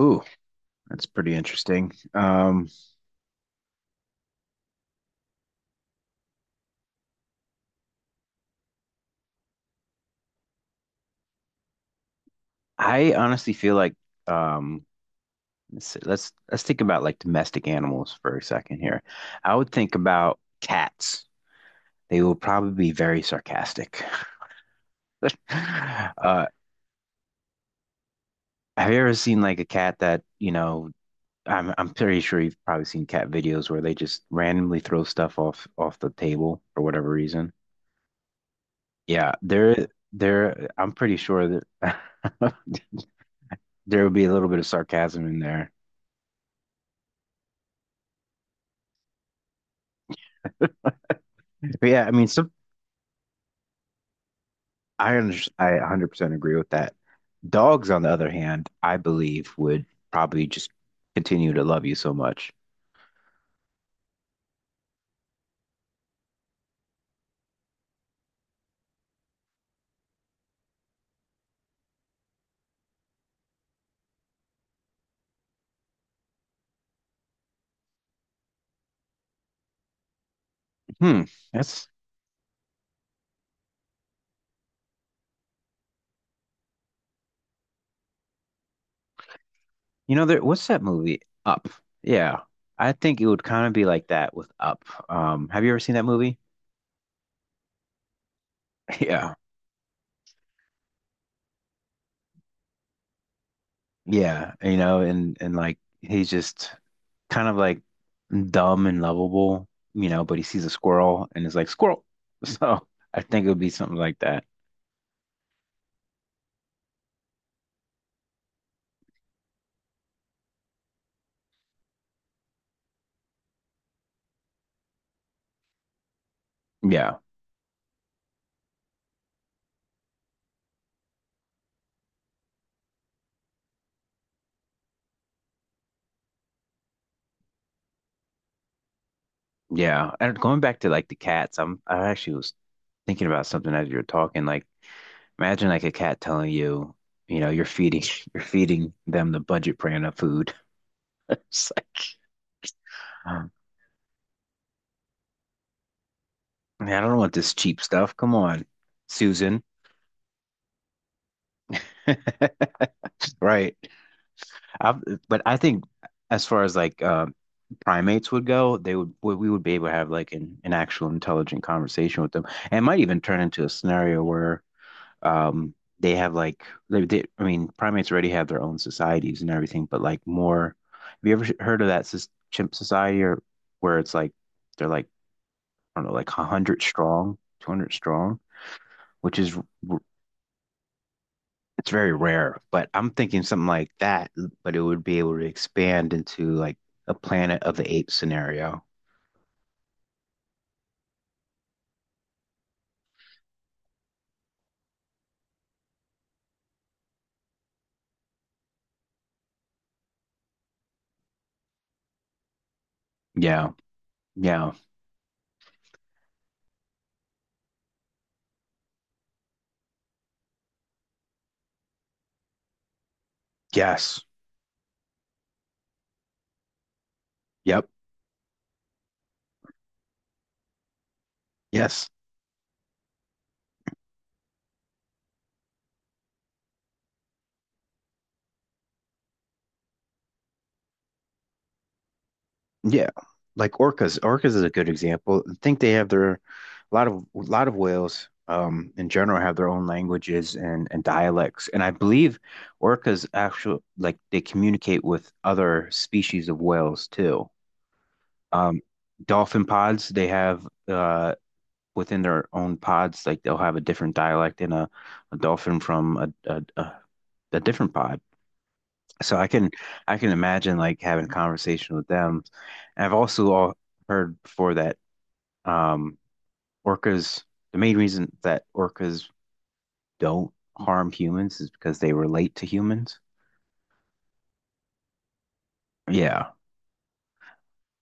Ooh, that's pretty interesting. I honestly feel like um, let's think about like domestic animals for a second here. I would think about cats. They will probably be very sarcastic. Uh, have you ever seen like a cat that, you know, I'm pretty sure you've probably seen cat videos where they just randomly throw stuff off the table for whatever reason. Yeah, there I'm pretty sure that there would be a little bit of sarcasm in there. But yeah, I mean, some I 100% agree with that. Dogs, on the other hand, I believe would probably just continue to love you so much. Hmm. That's, you know, there, What's that movie? Up. Yeah. I think it would kind of be like that with Up. Have you ever seen that movie? Yeah. Yeah. You know, and like he's just kind of like dumb and lovable, you know, but he sees a squirrel and is like, squirrel. So I think it would be something like that. Yeah, yeah. And going back to like the cats, I actually was thinking about something as you were talking. Like, imagine like a cat telling you, you know, you're feeding you're feeding them the budget brand of food. It's like, um, man, I don't want this cheap stuff. Come on, Susan. Right. I but I think as far as like primates would go, they would we would be able to have like an actual intelligent conversation with them. And it might even turn into a scenario where they have like they I mean, primates already have their own societies and everything, but like more. Have you ever heard of chimp society or where it's like they're like I don't know, like 100 strong, 200 strong, which is r- it's very rare. But I'm thinking something like that, but it would be able to expand into like a Planet of the Apes scenario. Yeah, yeah, yes, yep, yes. Yeah, like orcas. Orcas is a good example. I think they have their a lot of whales in general have their own languages and dialects. And I believe orcas actually like they communicate with other species of whales too. Um, dolphin pods they have within their own pods like they'll have a different dialect in a dolphin from a, a a a different pod. So I can imagine like having a conversation with them. And I've also all heard before that um, orcas, the main reason that orcas don't harm humans is because they relate to humans. Yeah.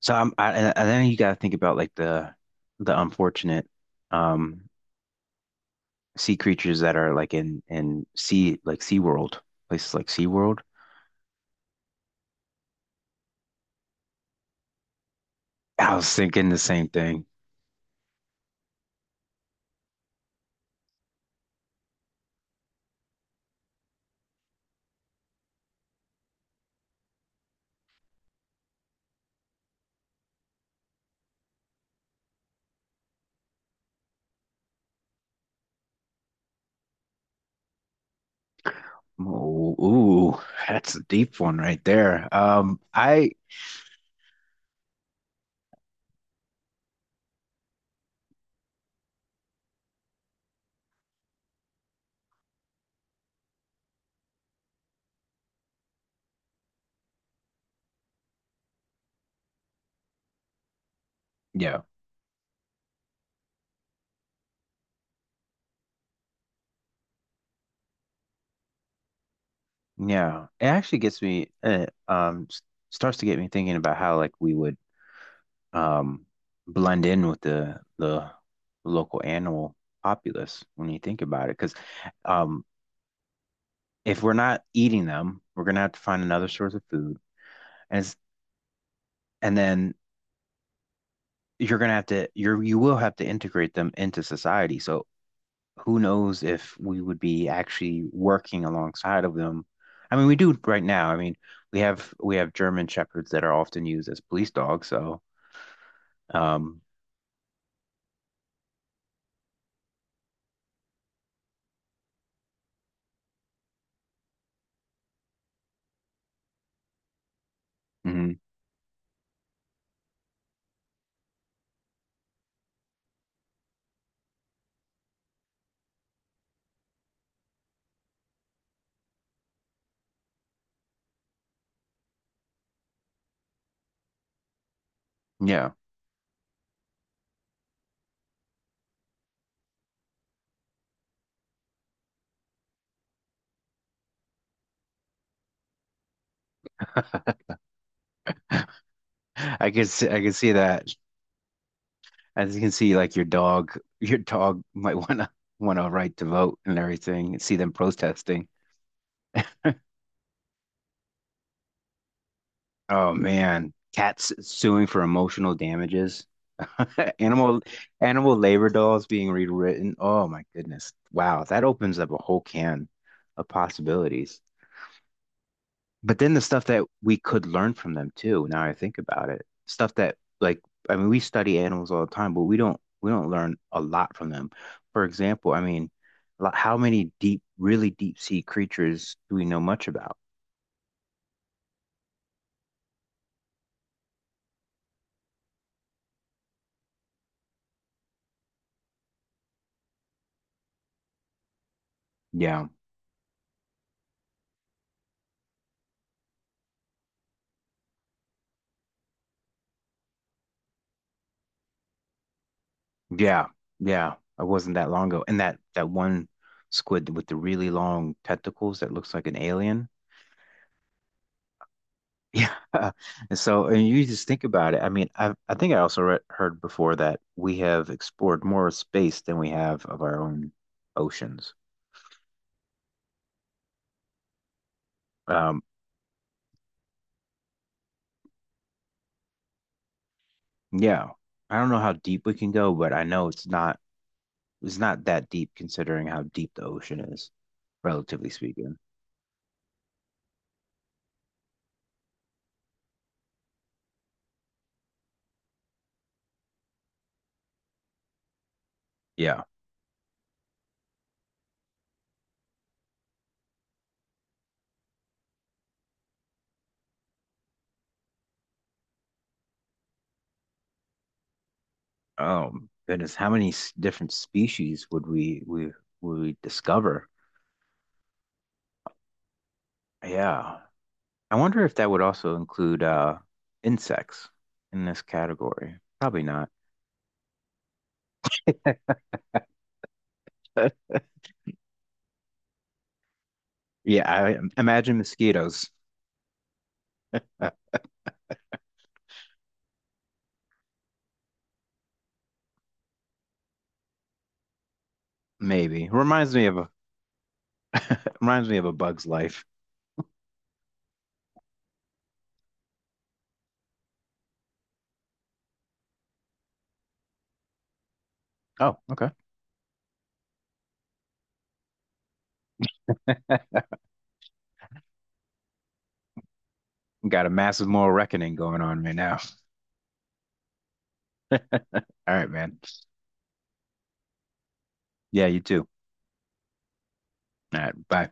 So and then you got to think about like the unfortunate um sea creatures that are like in sea like Sea World, places like Sea World. I was thinking the same thing. Ooh, ooh, that's a deep one right there. I yeah, yeah. It actually gets me starts to get me thinking about how like we would um, blend in with the local animal populace when you think about it. Because um, if we're not eating them, we're gonna have to find another source of food, and it's, and then you're you will have to integrate them into society. So who knows if we would be actually working alongside of them? I mean, we do right now. I mean, we have German shepherds that are often used as police dogs. So, um, mhm, yeah, I could see that. As you can see, like your dog, your dog might wanna want a right to vote and everything. See them protesting. Oh man, cats suing for emotional damages. Animal animal labor laws being rewritten. Oh my goodness. Wow, that opens up a whole can of possibilities. But then the stuff that we could learn from them too, now I think about it, stuff that like I mean we study animals all the time, but we don't learn a lot from them. For example, I mean, how many deep, really deep sea creatures do we know much about? Yeah. Yeah. Yeah. It wasn't that long ago. And that one squid with the really long tentacles that looks like an alien. Yeah. And so, and you just think about it. I mean, I think I also read, heard before that we have explored more space than we have of our own oceans. Um, yeah. I don't know how deep we can go, but I know it's not that deep considering how deep the ocean is, relatively speaking. Yeah. Goodness, different species would we discover? Yeah. I wonder if that would also include insects in this category. Probably not. Yeah, I imagine mosquitoes. Uh, maybe reminds me of a Reminds me of a bug's life. Oh, okay. Got a massive moral reckoning going on right now. All right, man. Yeah, you too. All right, bye.